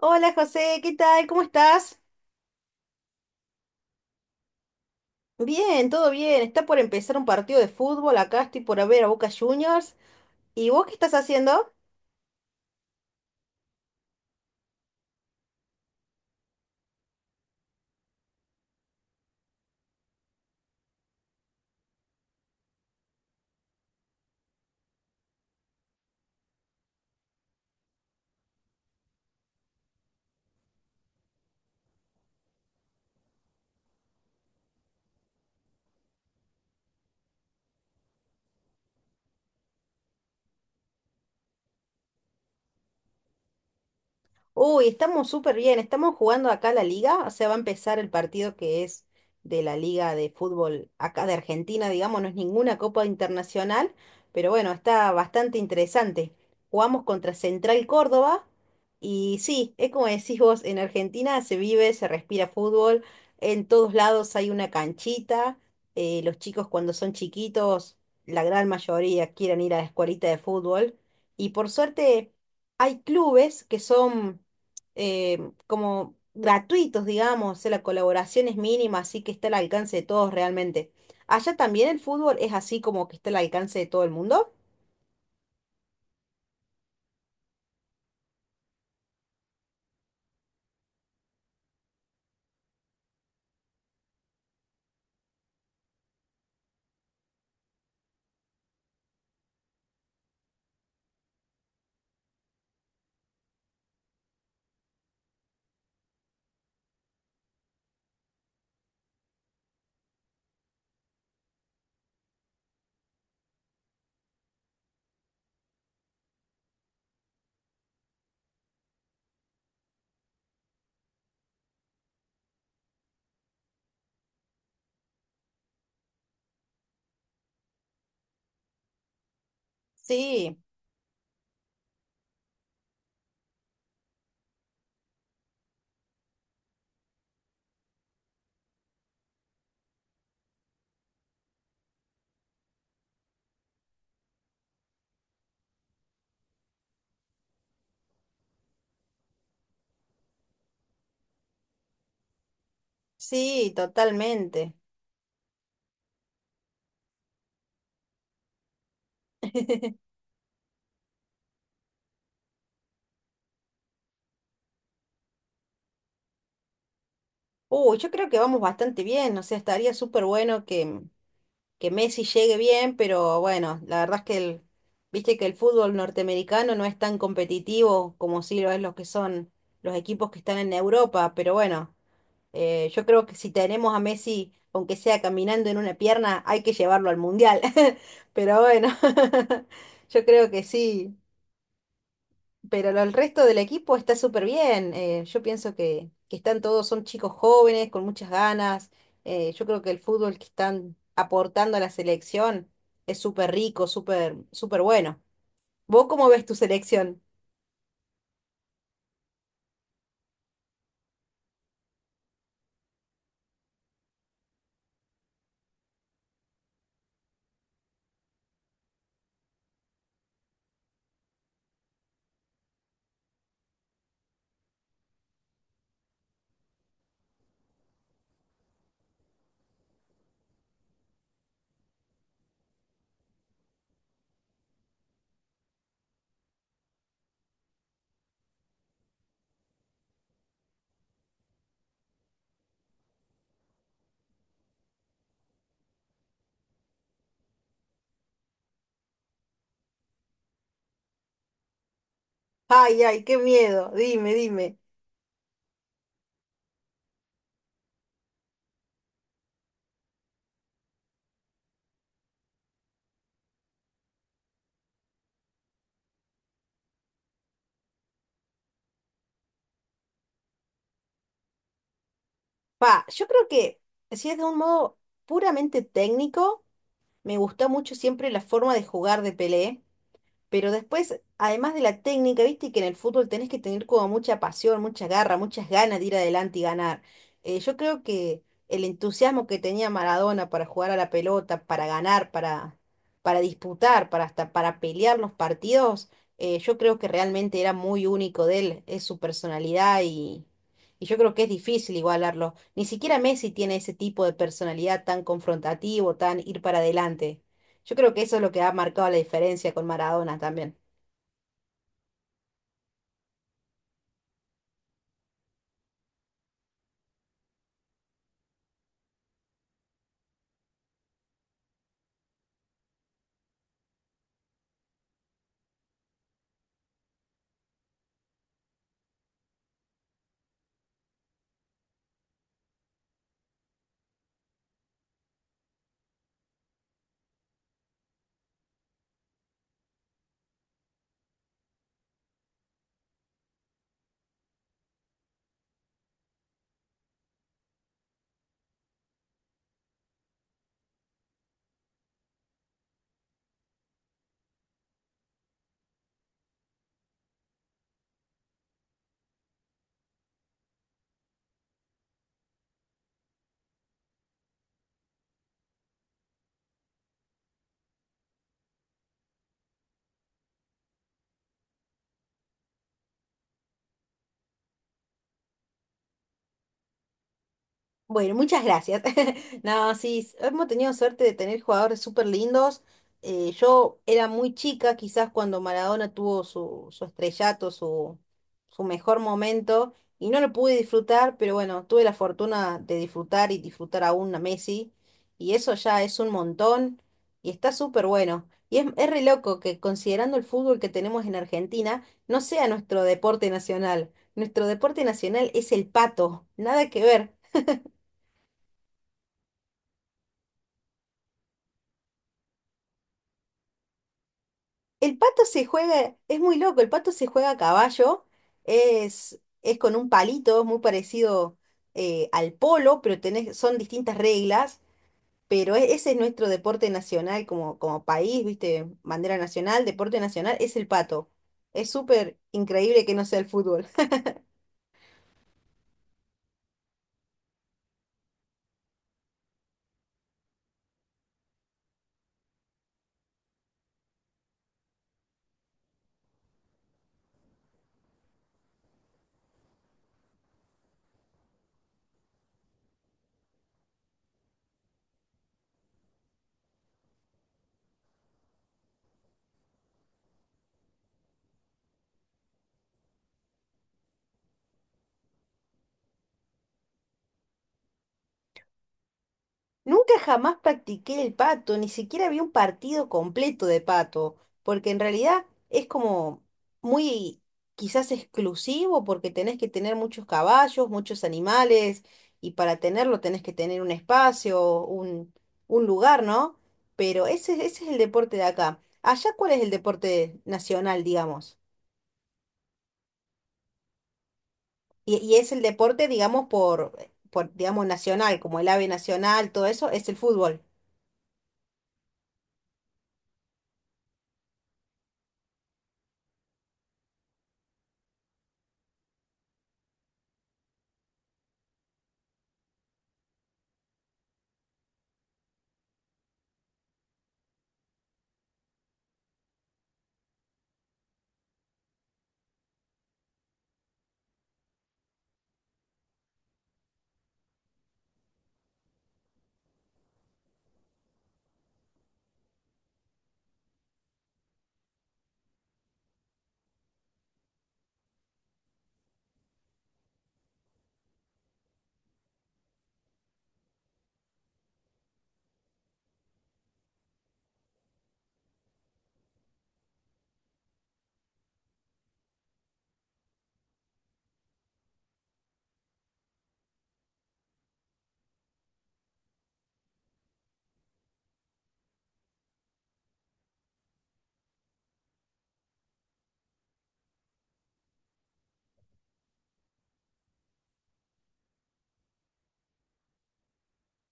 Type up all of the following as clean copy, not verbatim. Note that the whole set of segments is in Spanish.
Hola José, ¿qué tal? ¿Cómo estás? Bien, todo bien. Está por empezar un partido de fútbol. Acá estoy por ver a Boca Juniors. ¿Y vos qué estás haciendo? Uy, estamos súper bien, estamos jugando acá la liga, o sea, va a empezar el partido que es de la liga de fútbol acá de Argentina, digamos, no es ninguna copa internacional, pero bueno, está bastante interesante. Jugamos contra Central Córdoba y sí, es como decís vos, en Argentina se vive, se respira fútbol, en todos lados hay una canchita, los chicos cuando son chiquitos, la gran mayoría quieren ir a la escuelita de fútbol y por suerte... Hay clubes que son como gratuitos, digamos, la colaboración es mínima, así que está al alcance de todos realmente. ¿Allá también el fútbol es así como que está al alcance de todo el mundo? Sí, sí, totalmente. Uy, yo creo que vamos bastante bien, o sea, estaría súper bueno que Messi llegue bien, pero bueno, la verdad es que el, viste que el fútbol norteamericano no es tan competitivo como sí lo es los que son los equipos que están en Europa, pero bueno, yo creo que si tenemos a Messi, aunque sea caminando en una pierna, hay que llevarlo al mundial. Pero bueno, yo creo que sí. Pero el resto del equipo está súper bien. Yo pienso que están todos, son chicos jóvenes, con muchas ganas. Yo creo que el fútbol que están aportando a la selección es súper rico, súper, súper bueno. ¿Vos cómo ves tu selección? Ay, ay, qué miedo. Dime, dime. Pa, yo creo que si es de un modo puramente técnico. Me gustó mucho siempre la forma de jugar de Pelé, pero después, además de la técnica, viste que en el fútbol tenés que tener como mucha pasión, mucha garra, muchas ganas de ir adelante y ganar. Yo creo que el entusiasmo que tenía Maradona para jugar a la pelota, para ganar, para disputar, para hasta para pelear los partidos, yo creo que realmente era muy único de él, es su personalidad y yo creo que es difícil igualarlo. Ni siquiera Messi tiene ese tipo de personalidad tan confrontativo, tan ir para adelante. Yo creo que eso es lo que ha marcado la diferencia con Maradona también. Bueno, muchas gracias. No, sí, hemos tenido suerte de tener jugadores súper lindos. Yo era muy chica, quizás cuando Maradona tuvo su, su estrellato, su mejor momento, y no lo pude disfrutar, pero bueno, tuve la fortuna de disfrutar y disfrutar aún a Messi, y eso ya es un montón, y está súper bueno. Y es re loco que considerando el fútbol que tenemos en Argentina, no sea nuestro deporte nacional. Nuestro deporte nacional es el pato, nada que ver. El pato se juega, es muy loco, el pato se juega a caballo, es con un palito, es muy parecido al polo, pero tenés, son distintas reglas, pero ese es nuestro deporte nacional como, como país, ¿viste? Bandera nacional, deporte nacional, es el pato. Es súper increíble que no sea el fútbol. Nunca jamás practiqué el pato, ni siquiera vi un partido completo de pato, porque en realidad es como muy quizás exclusivo porque tenés que tener muchos caballos, muchos animales, y para tenerlo tenés que tener un espacio, un lugar, ¿no? Pero ese es el deporte de acá. Allá, ¿cuál es el deporte nacional, digamos? Y es el deporte, digamos, por, digamos, nacional, como el ave nacional, todo eso, es el fútbol.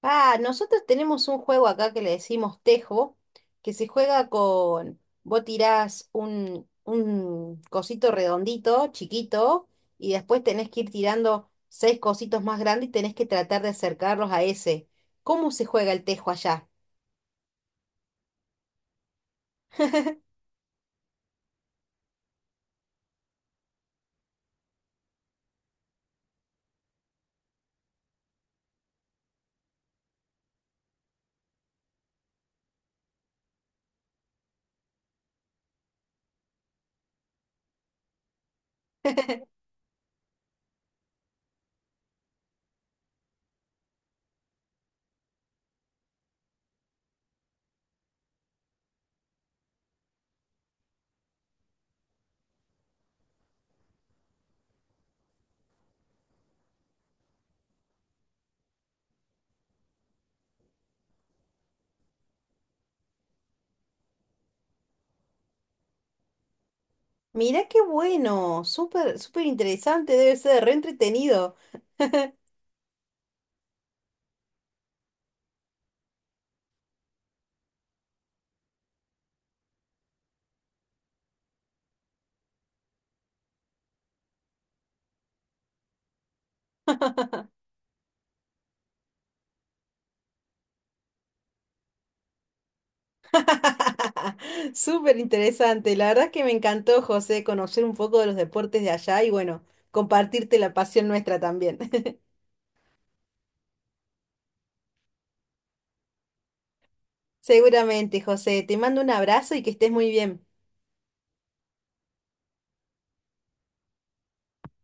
Ah, nosotros tenemos un juego acá que le decimos tejo, que se juega con, vos tirás un cosito redondito, chiquito, y después tenés que ir tirando seis cositos más grandes y tenés que tratar de acercarlos a ese. ¿Cómo se juega el tejo allá? Mirá qué bueno, súper, súper interesante, debe ser re entretenido. Súper interesante. La verdad que me encantó, José, conocer un poco de los deportes de allá y bueno, compartirte la pasión nuestra también. Seguramente, José, te mando un abrazo y que estés muy bien.